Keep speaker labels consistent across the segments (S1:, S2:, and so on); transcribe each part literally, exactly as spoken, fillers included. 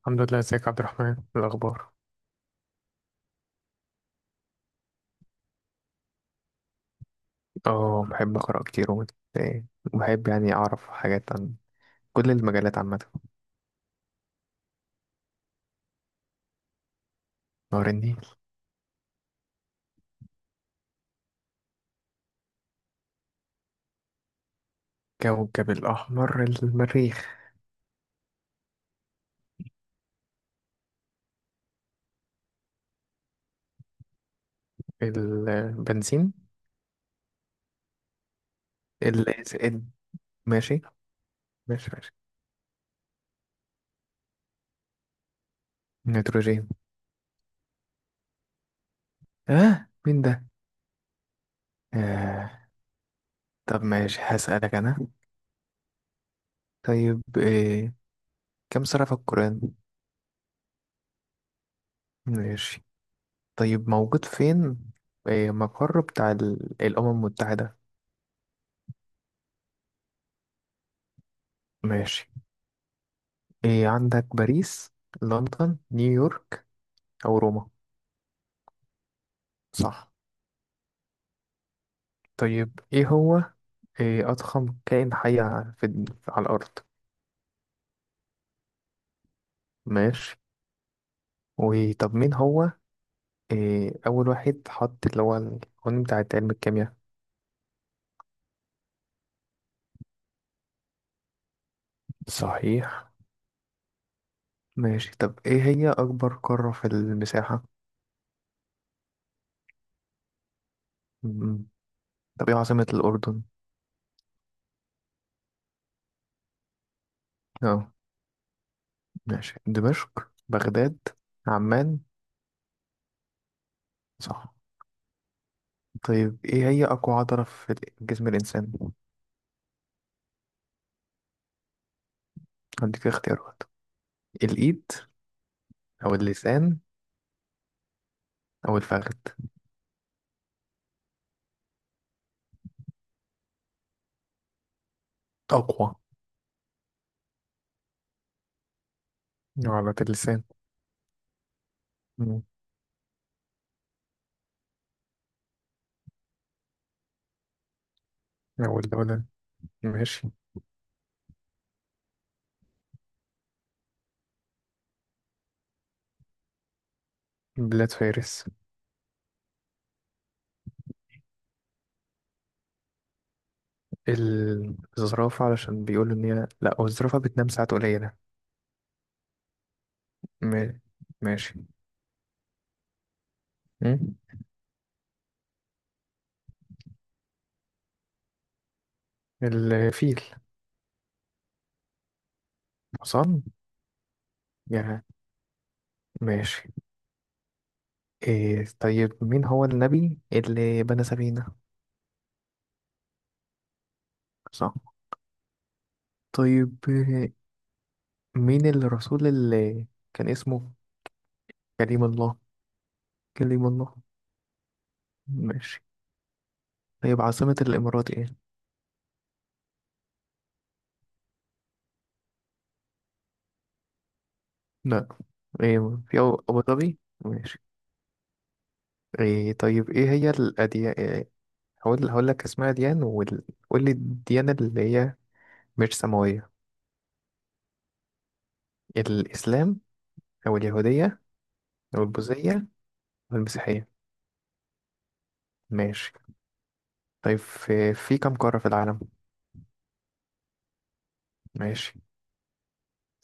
S1: الحمد لله. ازيك يا عبد الرحمن؟ إيه الاخبار؟ اه بحب اقرا كتير ومت- إيه، وبحب يعني اعرف حاجات عن كل المجالات عامه. نهر النيل. كوكب الاحمر المريخ. البنزين. ال ال- ماشي ماشي ماشي. النيتروجين. اه مين ده؟ آه. طب ماشي هسألك انا. طيب إيه. كم سورة في القرآن؟ ماشي. طيب موجود فين؟ إيه، مقر بتاع ال- الأمم المتحدة. ماشي. إيه عندك باريس لندن نيويورك أو روما؟ صح. طيب إيه هو إيه أضخم كائن حي ع- في الد- على الأرض؟ ماشي. وطب مين هو إيه أول واحد حط اللي هو القانون بتاع علم الكيمياء؟ صحيح. ماشي. طب إيه هي أكبر قارة في المساحة؟ مم. طب إيه عاصمة الأردن؟ أه ماشي، دمشق بغداد عمان. صح. طيب إيه هي أقوى عضلة في جسم الإنسان؟ هديك اختيارات. الإيد أو اللسان أو الفخذ. أقوى. عضلة اللسان. مم. أو الدولة. ماشي. بلاد فارس. ال- الزرافة علشان بيقولوا إن هي لأ، هو الزرافة بتنام ساعات قليلة. ما- ماشي. مم. الفيل. حصان. يا. ماشي. إيه طيب مين هو النبي اللي بنى سفينة؟ صح. طيب إيه، مين الرسول اللي كان اسمه كريم الله؟ كريم الله. ماشي. طيب عاصمة الإمارات إيه؟ لا. ايه في أبو أبو ظبي. ماشي. ايه طيب ايه هي الأديان إيه، هقول هقول لك اسماء أديان وقول لي الديانة اللي هي مش سماوية. الإسلام أو اليهودية أو البوذية أو المسيحية. ماشي. طيب في, في كم قارة في العالم؟ ماشي.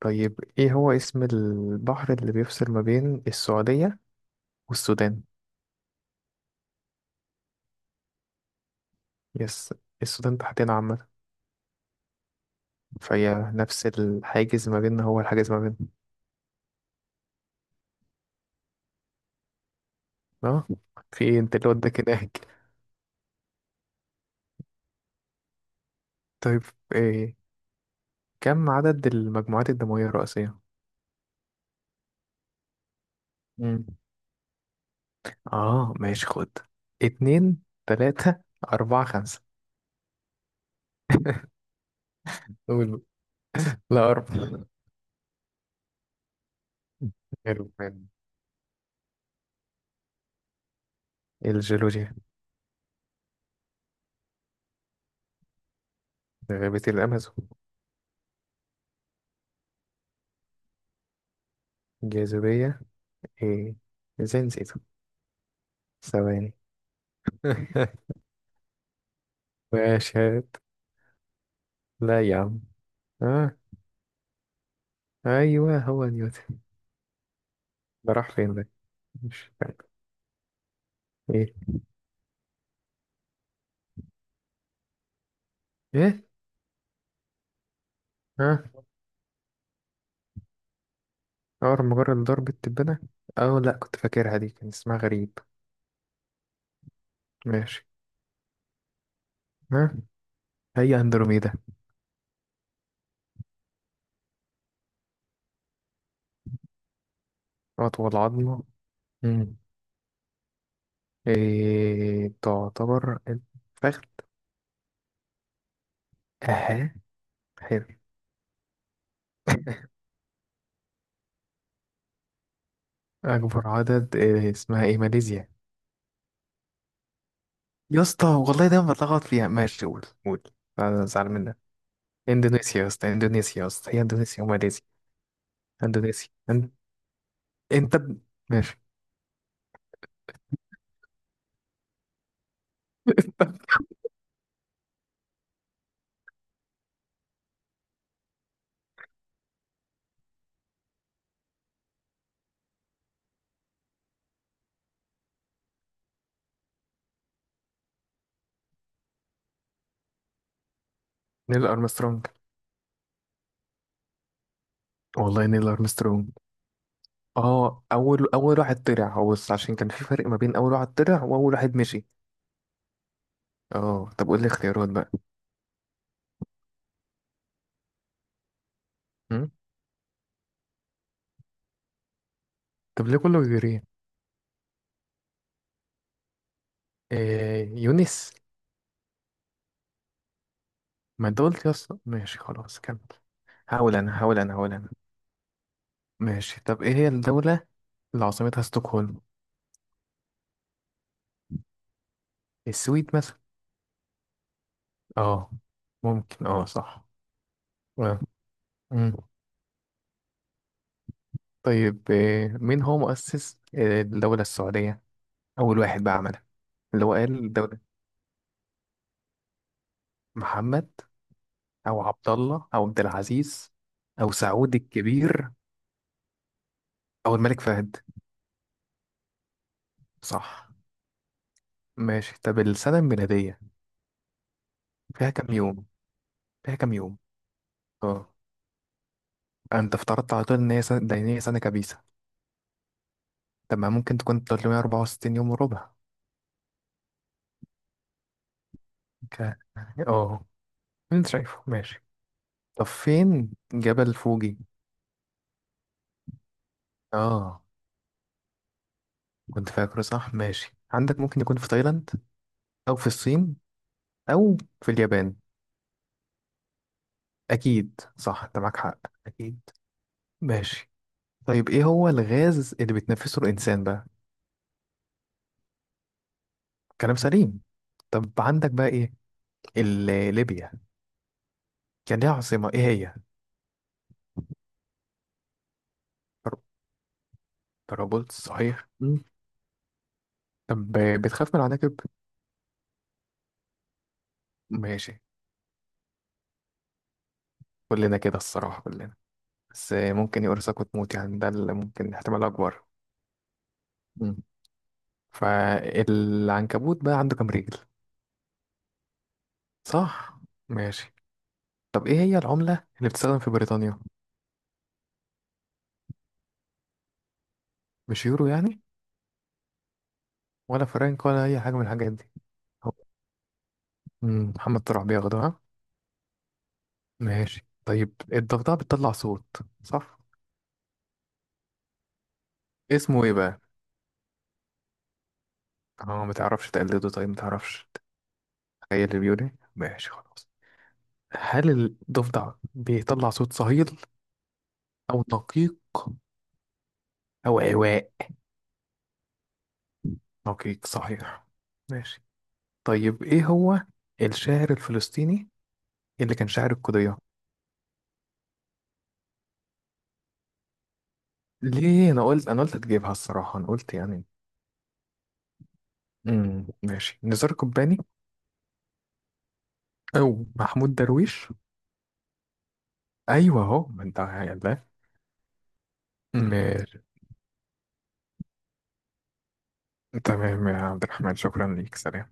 S1: طيب ايه هو اسم البحر اللي بيفصل ما بين السعودية والسودان؟ يس. السودان تحتنا عامة، فهي نفس الحاجز ما بيننا، هو الحاجز ما بيننا. اه في ايه انت اللي وداك هناك؟ طيب إيه كم عدد المجموعات الدموية الرئيسية؟ مم. اه ماشي خد، اتنين تلاتة أربعة خمسة. قول. لا، أربعة. حلو حلو. الجيولوجيا. غابة الأمازون. جاذبية إيه، إزاي نسيته؟ ثواني. واشهد. لا يا عم. آه. أيوه هو نيوتن. ده راح فين ده؟ مش فاهم إيه. إيه. آه. أول مجرد ضرب التبانة. أو لأ، كنت فاكرها دي كان اسمها غريب. ماشي. ها. هي أندروميدا. أطول عظمة. مم. إيه تعتبر الفخذ. أها. حلو. أكبر عدد إيه اسمها إيه، ماليزيا. يا اسطى والله دايما بتلخبط فيها. ماشي قول قول. أنا زعلان منك. إندونيسيا يا اسطى، إندونيسيا يا اسطى، هي إندونيسيا وماليزيا. إندونيسيا إن- أنت ب- ماشي. نيل أرمسترونج. والله نيل أرمسترونج. اه، اول اول واحد طلع هو، بس عشان كان في فرق ما بين اول واحد طلع واول واحد مشي. اه طب قول لي اختيارات. بقى طب ليه كله بيجري؟ إيه يونس؟ ما انت قلت يا اسطى. ماشي خلاص كمل. هقول انا هقول انا هقول انا. ماشي طب ايه هي الدولة اللي عاصمتها ستوكهولم؟ السويد مثلا. اه ممكن، اه صح. آه. مم. طيب إيه مين هو مؤسس إيه، الدولة السعودية، اول واحد بقى عملها، اللي هو قال الدولة؟ محمد او عبد الله او عبد العزيز او سعود الكبير او الملك فهد. صح. ماشي. طب السنة الميلادية فيها كام يوم؟ فيها كام يوم؟ اه. انت افترضت على طول ان هي سنة دينية، سنة كبيسة. طب ما ممكن تكون ثلاثمية وأربعة وستين يوم وربع؟ ك... اه. انت شايفه. ماشي. طب فين جبل فوجي؟ اه كنت فاكره صح. ماشي. عندك ممكن يكون في تايلاند او في الصين او في اليابان. اكيد صح، انت معاك حق. اكيد. ماشي. طيب ايه هو الغاز اللي بيتنفسه الانسان بقى؟ كلام سليم. طب عندك بقى ايه، ال- ليبيا كان ليها عاصمة ايه هي؟ طرابلس صحيح. مم. طب بتخاف من العناكب؟ ماشي. كلنا كده الصراحة كلنا. بس ممكن يقرصك وتموت يعني، ده اللي ممكن احتمال أكبر. مم. فالعنكبوت بقى عنده كام رجل؟ صح. ماشي. طب إيه هي العملة اللي بتستخدم في بريطانيا؟ مش يورو يعني؟ ولا فرنك ولا أي حاجة من الحاجات دي؟ هو-. مم، محمد طلع بياخدها. ماشي. طيب الضفدعة بتطلع صوت، صح؟ اسمه إيه بقى؟ اه متعرفش تقلده؟ طيب متعرفش تخيل البيوني. ماشي خلاص. هل الضفدع بيطلع صوت صهيل أو دقيق أو عواء؟ دقيق صحيح. ماشي. طيب إيه هو الشاعر الفلسطيني اللي كان شاعر القضية؟ ليه، أنا قلت أنا قلت هتجيبها الصراحة، أنا قلت يعني. امم ماشي، نزار قباني أو محمود درويش. أيوه أهو، ما أنت يلا. ماشي. تمام يا عبد الرحمن، شكرا ليك، سلام.